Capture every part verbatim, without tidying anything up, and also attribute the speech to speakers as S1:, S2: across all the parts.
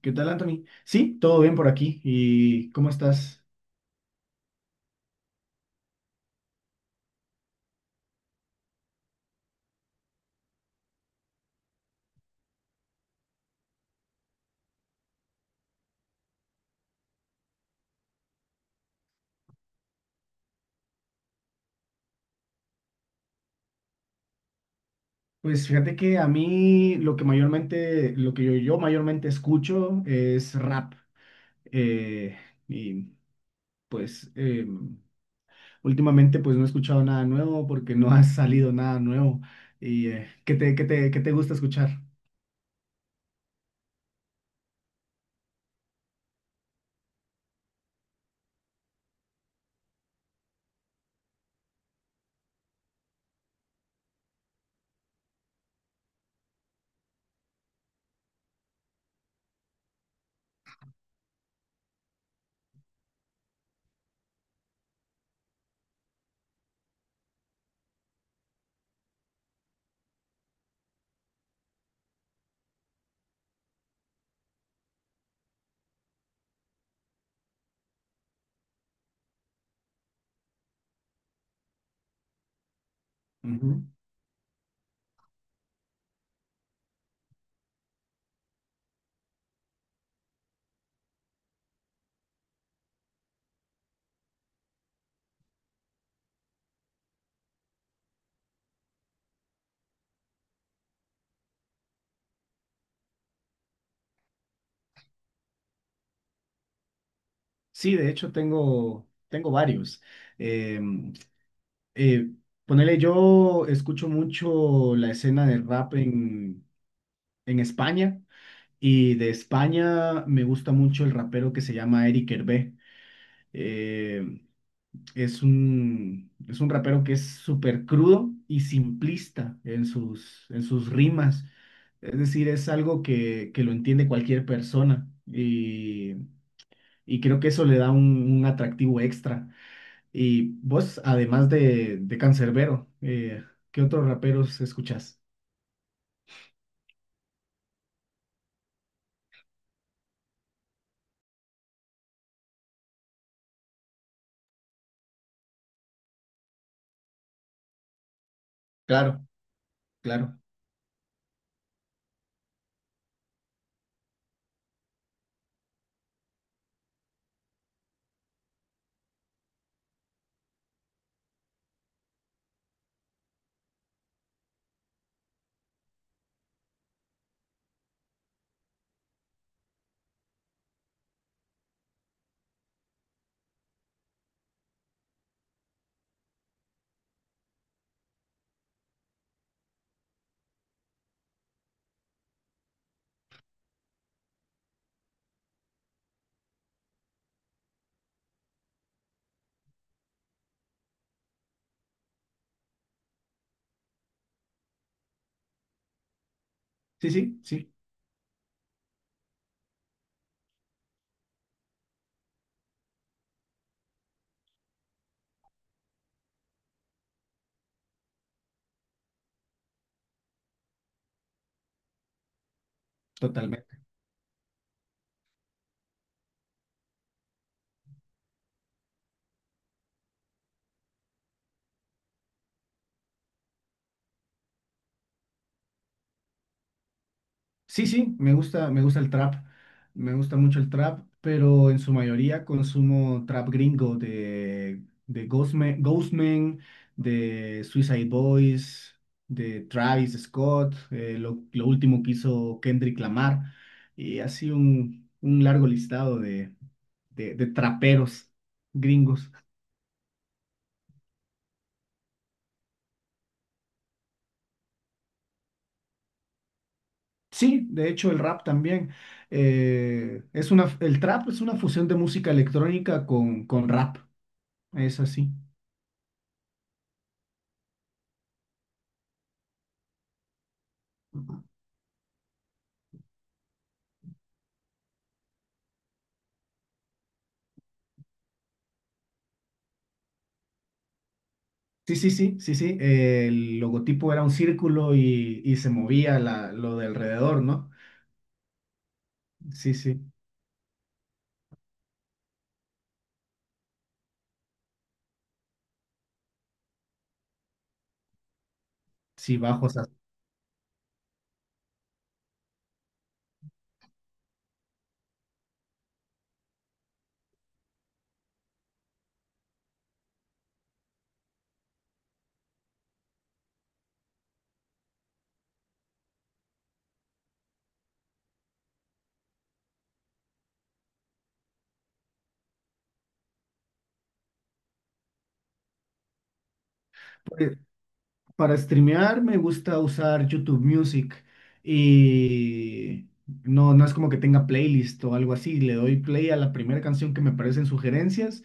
S1: ¿Qué tal, Anthony? Sí, todo bien por aquí. ¿Y cómo estás? Pues fíjate que a mí lo que mayormente, lo que yo, yo mayormente escucho es rap. eh, y pues eh, Últimamente pues no he escuchado nada nuevo porque no ha salido nada nuevo. ¿Y eh, qué te, qué te, qué te gusta escuchar? Ujú. Sí, de hecho tengo, tengo varios. Em, eh, Ponele, yo escucho mucho la escena de rap en, en España. Y de España me gusta mucho el rapero que se llama Eric Hervé. Eh, es un, es un rapero que es súper crudo y simplista en sus, en sus rimas. Es decir, es algo que, que lo entiende cualquier persona y, y creo que eso le da un, un atractivo extra. Y vos, además de, de Canserbero, eh, ¿qué otros raperos escuchás? Claro, claro. Sí, sí, sí, totalmente. Sí, sí, me gusta, me gusta el trap, me gusta mucho el trap, pero en su mayoría consumo trap gringo de, de Ghostman, Ghostman, de Suicide Boys, de Travis Scott, eh, lo, lo último que hizo Kendrick Lamar, y así un, un largo listado de, de, de traperos gringos. Sí, de hecho el rap también. Eh, es una, el trap es una fusión de música electrónica con, con rap, es así. Sí, sí, sí, sí, sí. Eh, el logotipo era un círculo y, y se movía la, lo de alrededor, ¿no? Sí, sí. Sí, bajo, o sea, para streamear me gusta usar YouTube Music y no, no es como que tenga playlist o algo así. Le doy play a la primera canción que me aparecen sugerencias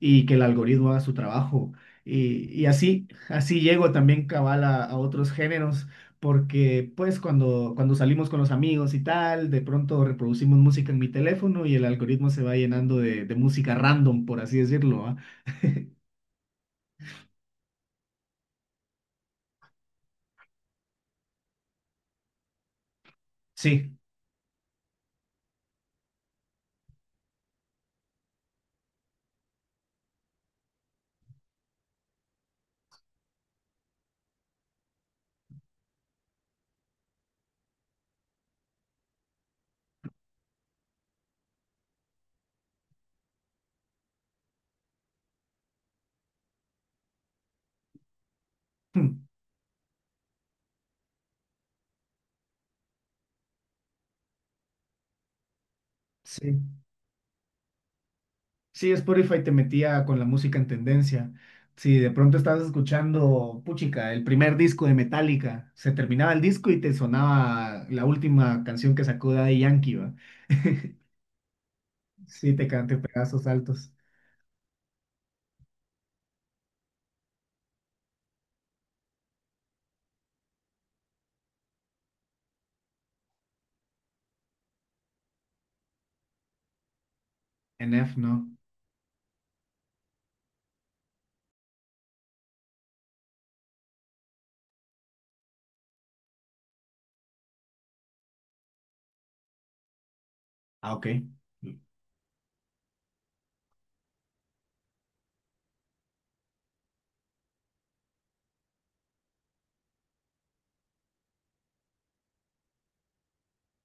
S1: y que el algoritmo haga su trabajo. Y, y así, así llego también cabal a, a otros géneros, porque pues cuando, cuando salimos con los amigos y tal, de pronto reproducimos música en mi teléfono y el algoritmo se va llenando de, de música random, por así decirlo, ¿va? Sí, sí. Sí, Spotify te metía con la música en tendencia. Si de pronto estabas escuchando, puchica, el primer disco de Metallica, se terminaba el disco y te sonaba la última canción que sacó Daddy Yankee, ¿va? Sí, te, ca- pedazos altos, esos saltos. N F, ¿no? Ah, ok.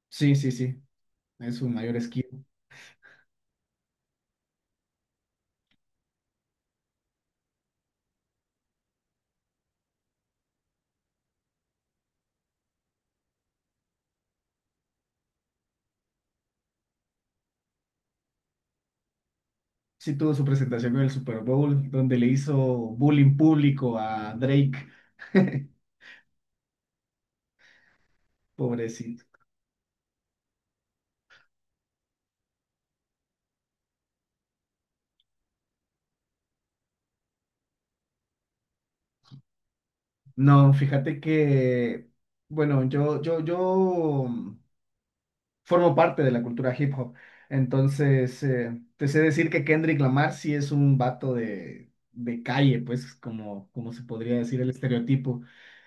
S1: Sí, sí, sí. Es su mayor esquivo. Sí, tuvo su presentación en el Super Bowl, donde le hizo bullying público a Drake. Pobrecito. No, fíjate que, bueno, yo, yo, yo formo parte de la cultura hip hop. Entonces, eh, te sé decir que Kendrick Lamar sí es un vato de, de calle, pues, como, como se podría decir el estereotipo.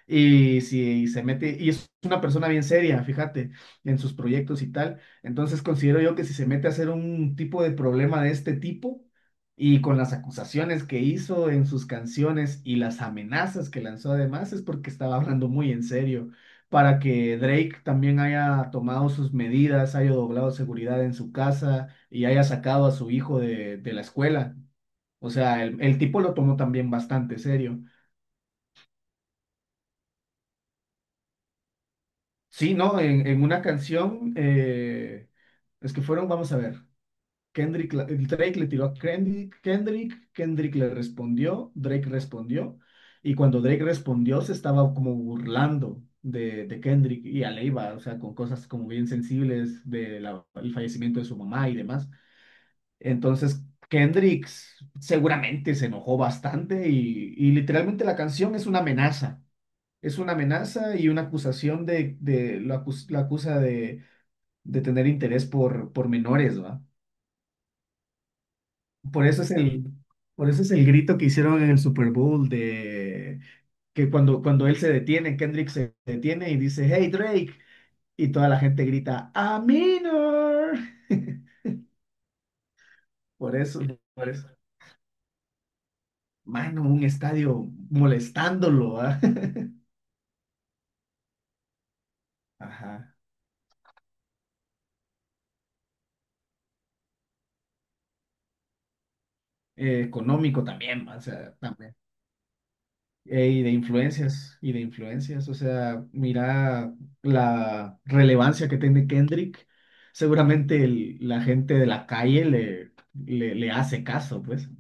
S1: Y si se mete, y es una persona bien seria, fíjate, en sus proyectos y tal. Entonces considero yo que si se mete a hacer un tipo de problema de este tipo, y con las acusaciones que hizo en sus canciones y las amenazas que lanzó además, es porque estaba hablando muy en serio para que Drake también haya tomado sus medidas, haya doblado seguridad en su casa y haya sacado a su hijo de, de la escuela. O sea, el, el tipo lo tomó también bastante serio. Sí, ¿no? En, en una canción, eh, es que fueron, vamos a ver. Kendrick, Drake le tiró a Kendrick, Kendrick, Kendrick le respondió, Drake respondió, y cuando Drake respondió se estaba como burlando de, de Kendrick y a, o sea, con cosas como bien sensibles del fallecimiento de su mamá y demás. Entonces, Kendrick seguramente se enojó bastante y, y literalmente la canción es una amenaza, es una amenaza y una acusación de, de lo acus- la acusa de, de tener interés por, por menores, ¿va? Por eso es el, por eso es el grito que hicieron en el Super Bowl de que cuando, cuando él se detiene, Kendrick se detiene y dice, Hey Drake, y toda la gente grita, A minor. Por eso, por eso. Mano, un estadio molestándolo, ¿ah? Ajá. Eh, económico también, o sea, también. Eh, y de influencias, y de influencias, o sea, mira la relevancia que tiene Kendrick. Seguramente el- la gente de la calle le, le, le hace caso, pues.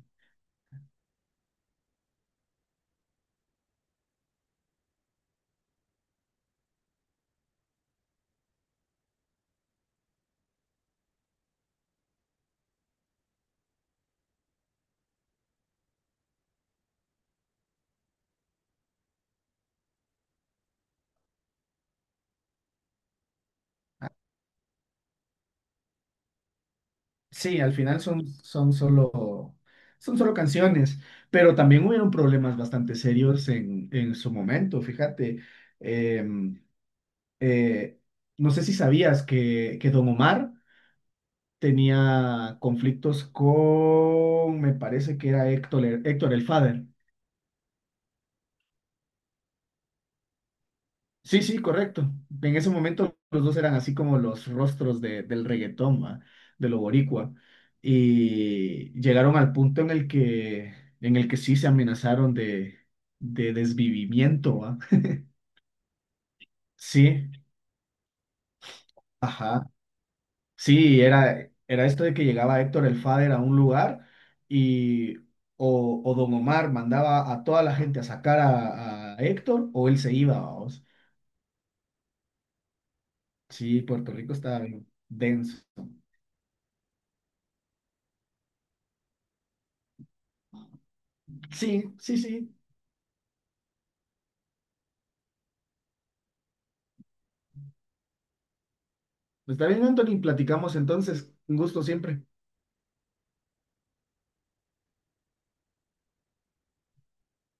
S1: Sí, al final son, son solo, son solo canciones, pero también hubieron problemas bastante serios en, en su momento, fíjate. Em, eh, no sé si sabías que, que Don Omar tenía conflictos con, me parece que era Héctor, Héctor el Father. Sí, sí, correcto. En ese momento los dos eran así como los rostros de- del reggaetón, ¿va? De lo boricua. Y llegaron al punto en el que, en el que sí se amenazaron de, de desvivimiento, ¿va? Sí, ajá. Sí, era, era esto de que llegaba Héctor el Father a un lugar y o, o Don Omar mandaba a toda la gente a sacar a, a Héctor o él se iba, vamos. Sí, Puerto Rico está bien denso. Sí, sí, sí. Está bien, Anthony, platicamos entonces. Un gusto siempre.